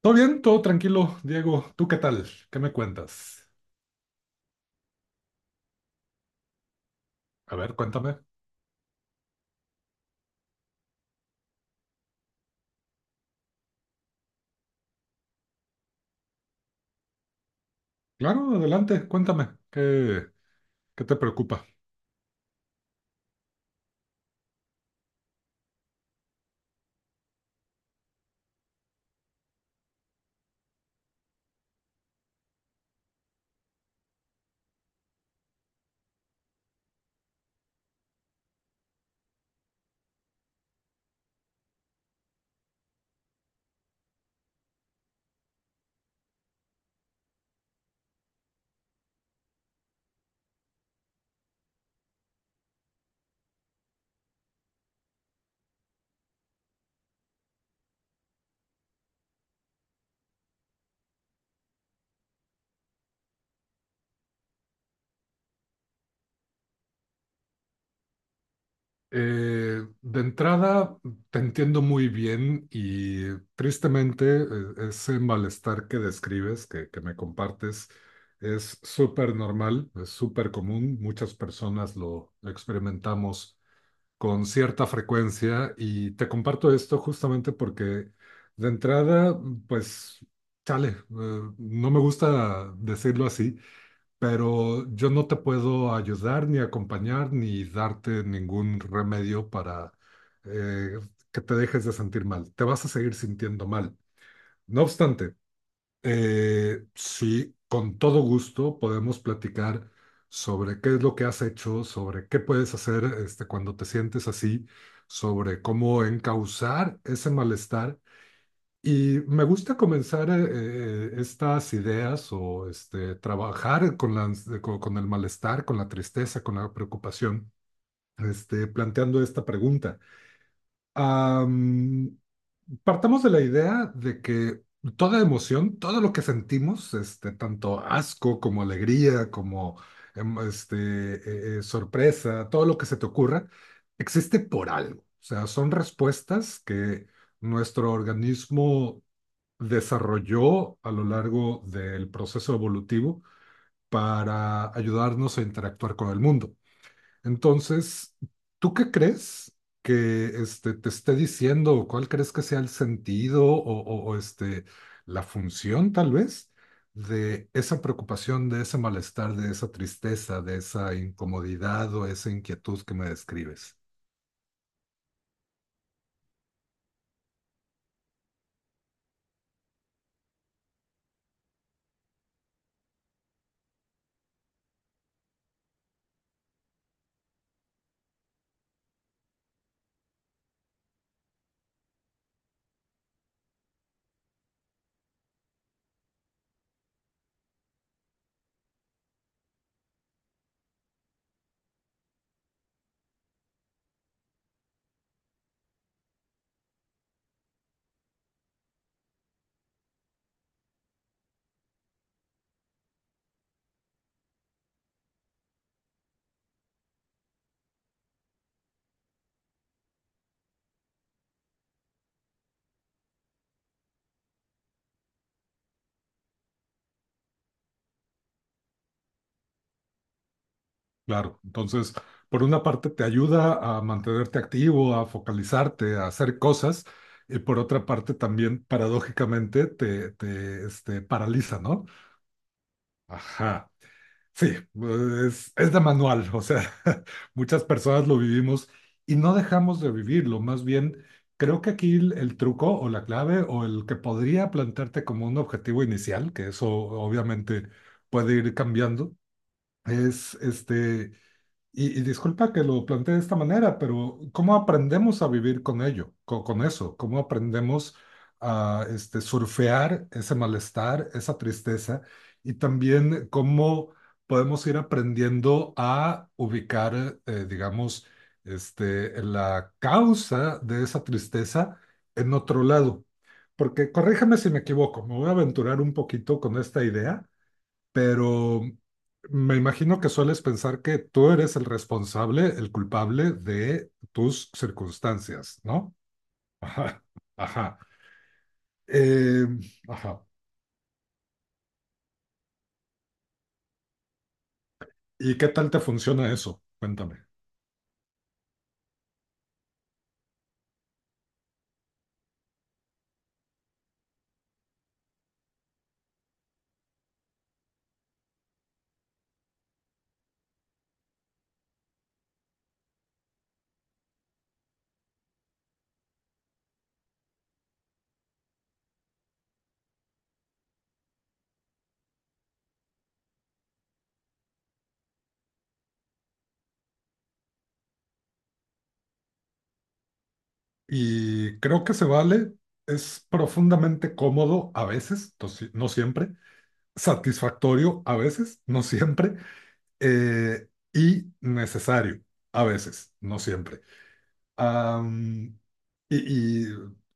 Todo bien, todo tranquilo, Diego. ¿Tú qué tal? ¿Qué me cuentas? A ver, cuéntame. Claro, adelante, cuéntame. ¿Qué te preocupa? De entrada, te entiendo muy bien y tristemente ese malestar que describes, que me compartes, es súper normal, es súper común. Muchas personas lo experimentamos con cierta frecuencia y te comparto esto justamente porque de entrada, pues, chale, no me gusta decirlo así, pero yo no te puedo ayudar ni acompañar ni darte ningún remedio para eh, que te dejes de sentir mal. Te vas a seguir sintiendo mal. No obstante, sí, con todo gusto podemos platicar sobre qué es lo que has hecho, sobre qué puedes hacer este, cuando te sientes así, sobre cómo encauzar ese malestar. Y me gusta comenzar estas ideas o este, trabajar con la con el malestar, con la tristeza, con la preocupación, este, planteando esta pregunta. Partamos de la idea de que toda emoción, todo lo que sentimos, este, tanto asco como alegría, como este, sorpresa, todo lo que se te ocurra, existe por algo. O sea, son respuestas que nuestro organismo desarrolló a lo largo del proceso evolutivo para ayudarnos a interactuar con el mundo. Entonces, ¿tú qué crees que este, te esté diciendo? ¿Cuál crees que sea el sentido o, este, la función, tal vez, de esa preocupación, de ese malestar, de esa tristeza, de esa incomodidad o esa inquietud que me describes? Claro, entonces, por una parte te ayuda a mantenerte activo, a focalizarte, a hacer cosas, y por otra parte también, paradójicamente, este, paraliza, ¿no? Ajá. Sí, es de manual, o sea, muchas personas lo vivimos y no dejamos de vivirlo, más bien creo que aquí el truco o la clave o el que podría plantearte como un objetivo inicial, que eso obviamente puede ir cambiando, es este y disculpa que lo plantee de esta manera, pero ¿cómo aprendemos a vivir con ello, con, eso? ¿Cómo aprendemos a este, surfear ese malestar, esa tristeza? Y también cómo podemos ir aprendiendo a ubicar, digamos, este, la causa de esa tristeza en otro lado. Porque corríjame si me equivoco, me voy a aventurar un poquito con esta idea, pero me imagino que sueles pensar que tú eres el responsable, el culpable de tus circunstancias, ¿no? Ajá, ajá. Eh, ajá. ¿Y qué tal te funciona eso? Cuéntame. Y creo que se vale, es profundamente cómodo a veces, no no siempre, satisfactorio a veces, no siempre, eh, y necesario a veces, no siempre. Am, y, y,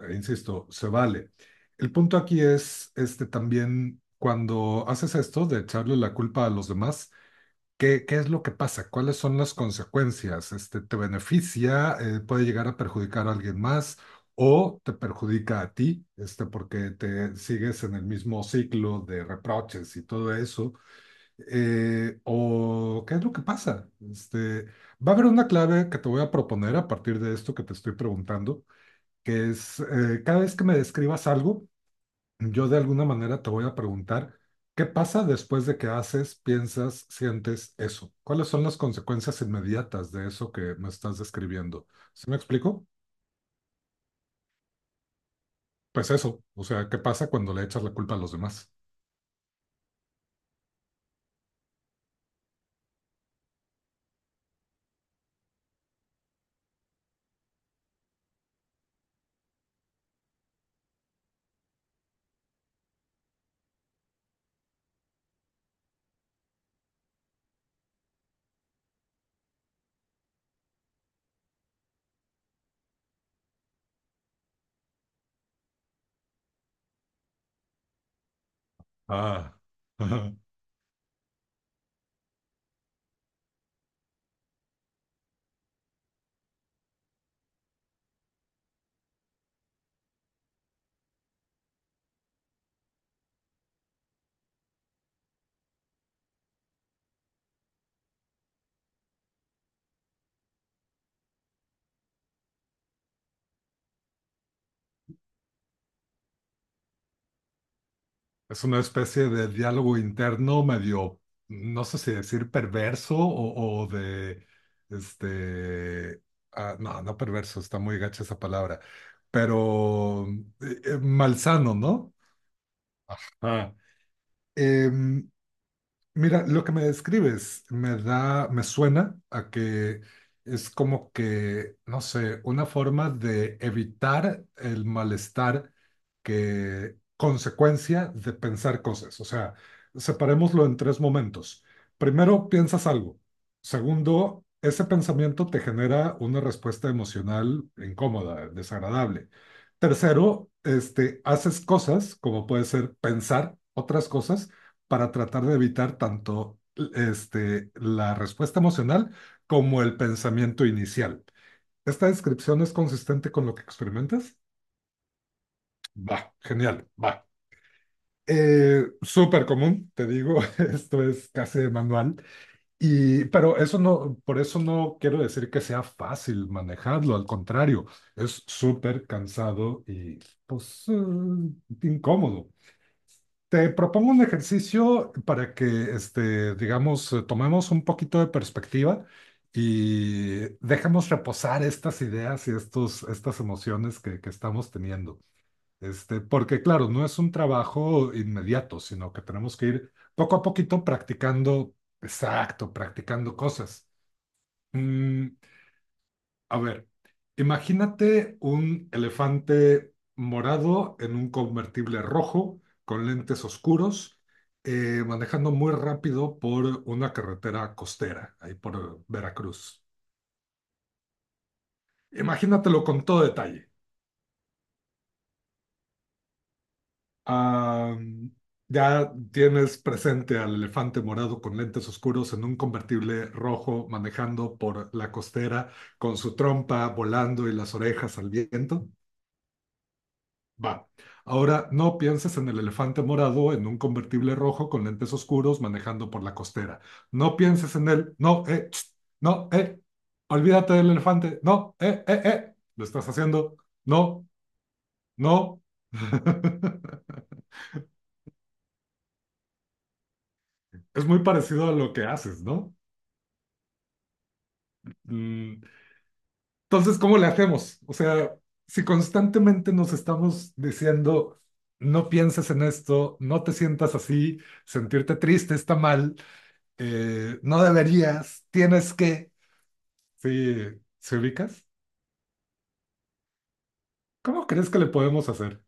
insisto, se vale. El punto aquí es este también cuando haces esto de echarle la culpa a los demás, ¿qué es lo que pasa? ¿Cuáles son las consecuencias? Este, ¿te beneficia? ¿Puede llegar a perjudicar a alguien más? ¿O te perjudica a ti? Este, porque te sigues en el mismo ciclo de reproches y todo eso, o qué es lo que pasa. Este, va a haber una clave que te voy a proponer a partir de esto que te estoy preguntando, que es cada vez que me describas algo, yo de alguna manera te voy a preguntar qué pasa después de que haces, piensas, sientes eso. ¿Cuáles son las consecuencias inmediatas de eso que me estás describiendo? ¿Sí me explico? Pues eso, o sea, ¿qué pasa cuando le echas la culpa a los demás? Ah. Es una especie de diálogo interno medio, no sé si decir perverso o de, este, ah, no, no perverso, está muy gacha esa palabra, pero malsano, ¿no? Ah. Em, mira, lo que me describes me da, me suena a que es como que, no sé, una forma de evitar el malestar que consecuencia de pensar cosas. O sea, separémoslo en tres momentos. Primero, piensas algo. Segundo, ese pensamiento te genera una respuesta emocional incómoda, desagradable. Tercero, este, haces cosas, como puede ser pensar otras cosas para tratar de evitar tanto este, la respuesta emocional como el pensamiento inicial. ¿Esta descripción es consistente con lo que experimentas? Va, genial, va. Súper común, te digo, esto es casi de manual, y, pero eso no, por eso no quiero decir que sea fácil manejarlo, al contrario, es súper cansado y pues incómodo. Te propongo un ejercicio para que, este, digamos, tomemos un poquito de perspectiva y dejemos reposar estas ideas y estas emociones que estamos teniendo. Este, porque, claro, no es un trabajo inmediato, sino que tenemos que ir poco a poquito practicando, exacto, practicando cosas. Mm, a ver, imagínate un elefante morado en un convertible rojo con lentes oscuros, manejando muy rápido por una carretera costera, ahí por Veracruz. Imagínatelo con todo detalle. Ah, ya tienes presente al elefante morado con lentes oscuros en un convertible rojo manejando por la costera con su trompa volando y las orejas al viento. Va. Ahora no pienses en el elefante morado en un convertible rojo con lentes oscuros manejando por la costera. No pienses en él. No, tss, no, eh. Olvídate del elefante. No, Lo estás haciendo. No, no. Es muy parecido a lo que haces, ¿no? Mm, entonces, ¿cómo le hacemos? O sea, si constantemente nos estamos diciendo, no pienses en esto, no te sientas así, sentirte triste está mal, no deberías, tienes que. Sí, ¿se ubicas? ¿Cómo crees que le podemos hacer?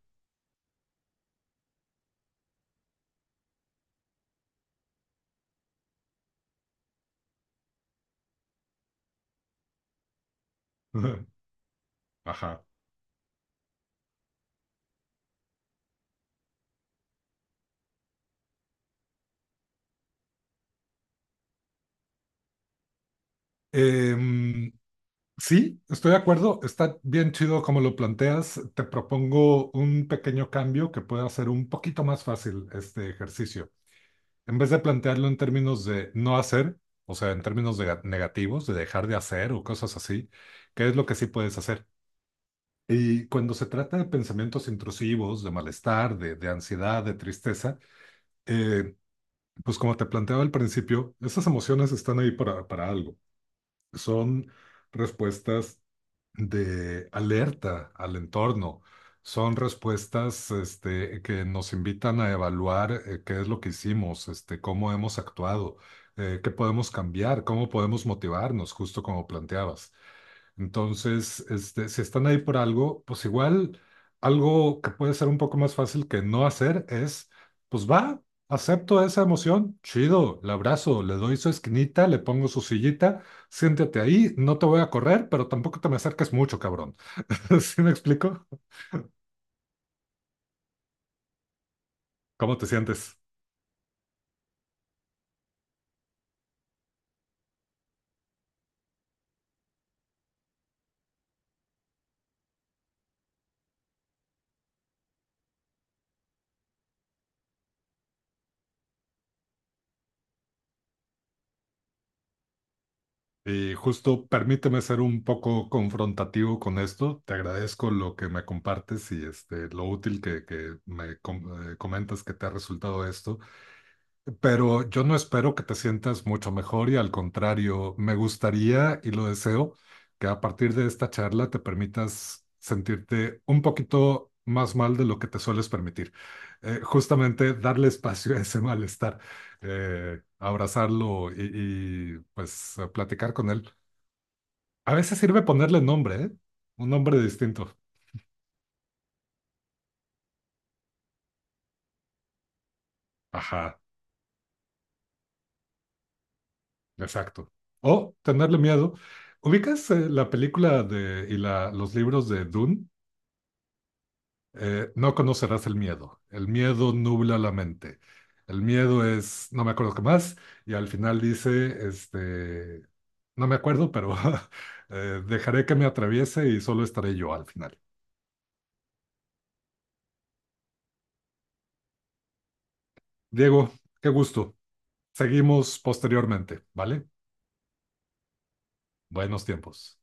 Ajá. Em, sí, estoy de acuerdo, está bien chido como lo planteas. Te propongo un pequeño cambio que pueda hacer un poquito más fácil este ejercicio. En vez de plantearlo en términos de no hacer, o sea, en términos de negativos, de dejar de hacer o cosas así, ¿qué es lo que sí puedes hacer? Y cuando se trata de pensamientos intrusivos, de malestar, de ansiedad, de tristeza, eh, pues como te planteaba al principio, esas emociones están ahí para algo. Son respuestas de alerta al entorno. Son respuestas este, que nos invitan a evaluar qué es lo que hicimos, este, cómo hemos actuado, qué podemos cambiar, cómo podemos motivarnos, justo como planteabas. Entonces, este, si están ahí por algo, pues igual algo que puede ser un poco más fácil que no hacer es, pues va, acepto esa emoción, chido, la abrazo, le doy su esquinita, le pongo su sillita, siéntate ahí, no te voy a correr, pero tampoco te me acerques mucho, cabrón. ¿Sí me explico? ¿Cómo te sientes? Y justo permíteme ser un poco confrontativo con esto. Te agradezco lo que me compartes y este, lo útil que me comentas que te ha resultado esto. Pero yo no espero que te sientas mucho mejor y al contrario, me gustaría y lo deseo que a partir de esta charla te permitas sentirte un poquito más mal de lo que te sueles permitir. Justamente darle espacio a ese malestar, abrazarlo pues platicar con él. A veces sirve ponerle nombre, ¿eh? Un nombre distinto. Ajá, exacto. O tenerle miedo. ¿Ubicas la película de, y la, los libros de Dune? No conocerás el miedo. El miedo nubla la mente. El miedo es, no me acuerdo qué más, y al final dice, este, no me acuerdo, pero dejaré que me atraviese y solo estaré yo al final. Diego, qué gusto. Seguimos posteriormente, ¿vale? Buenos tiempos.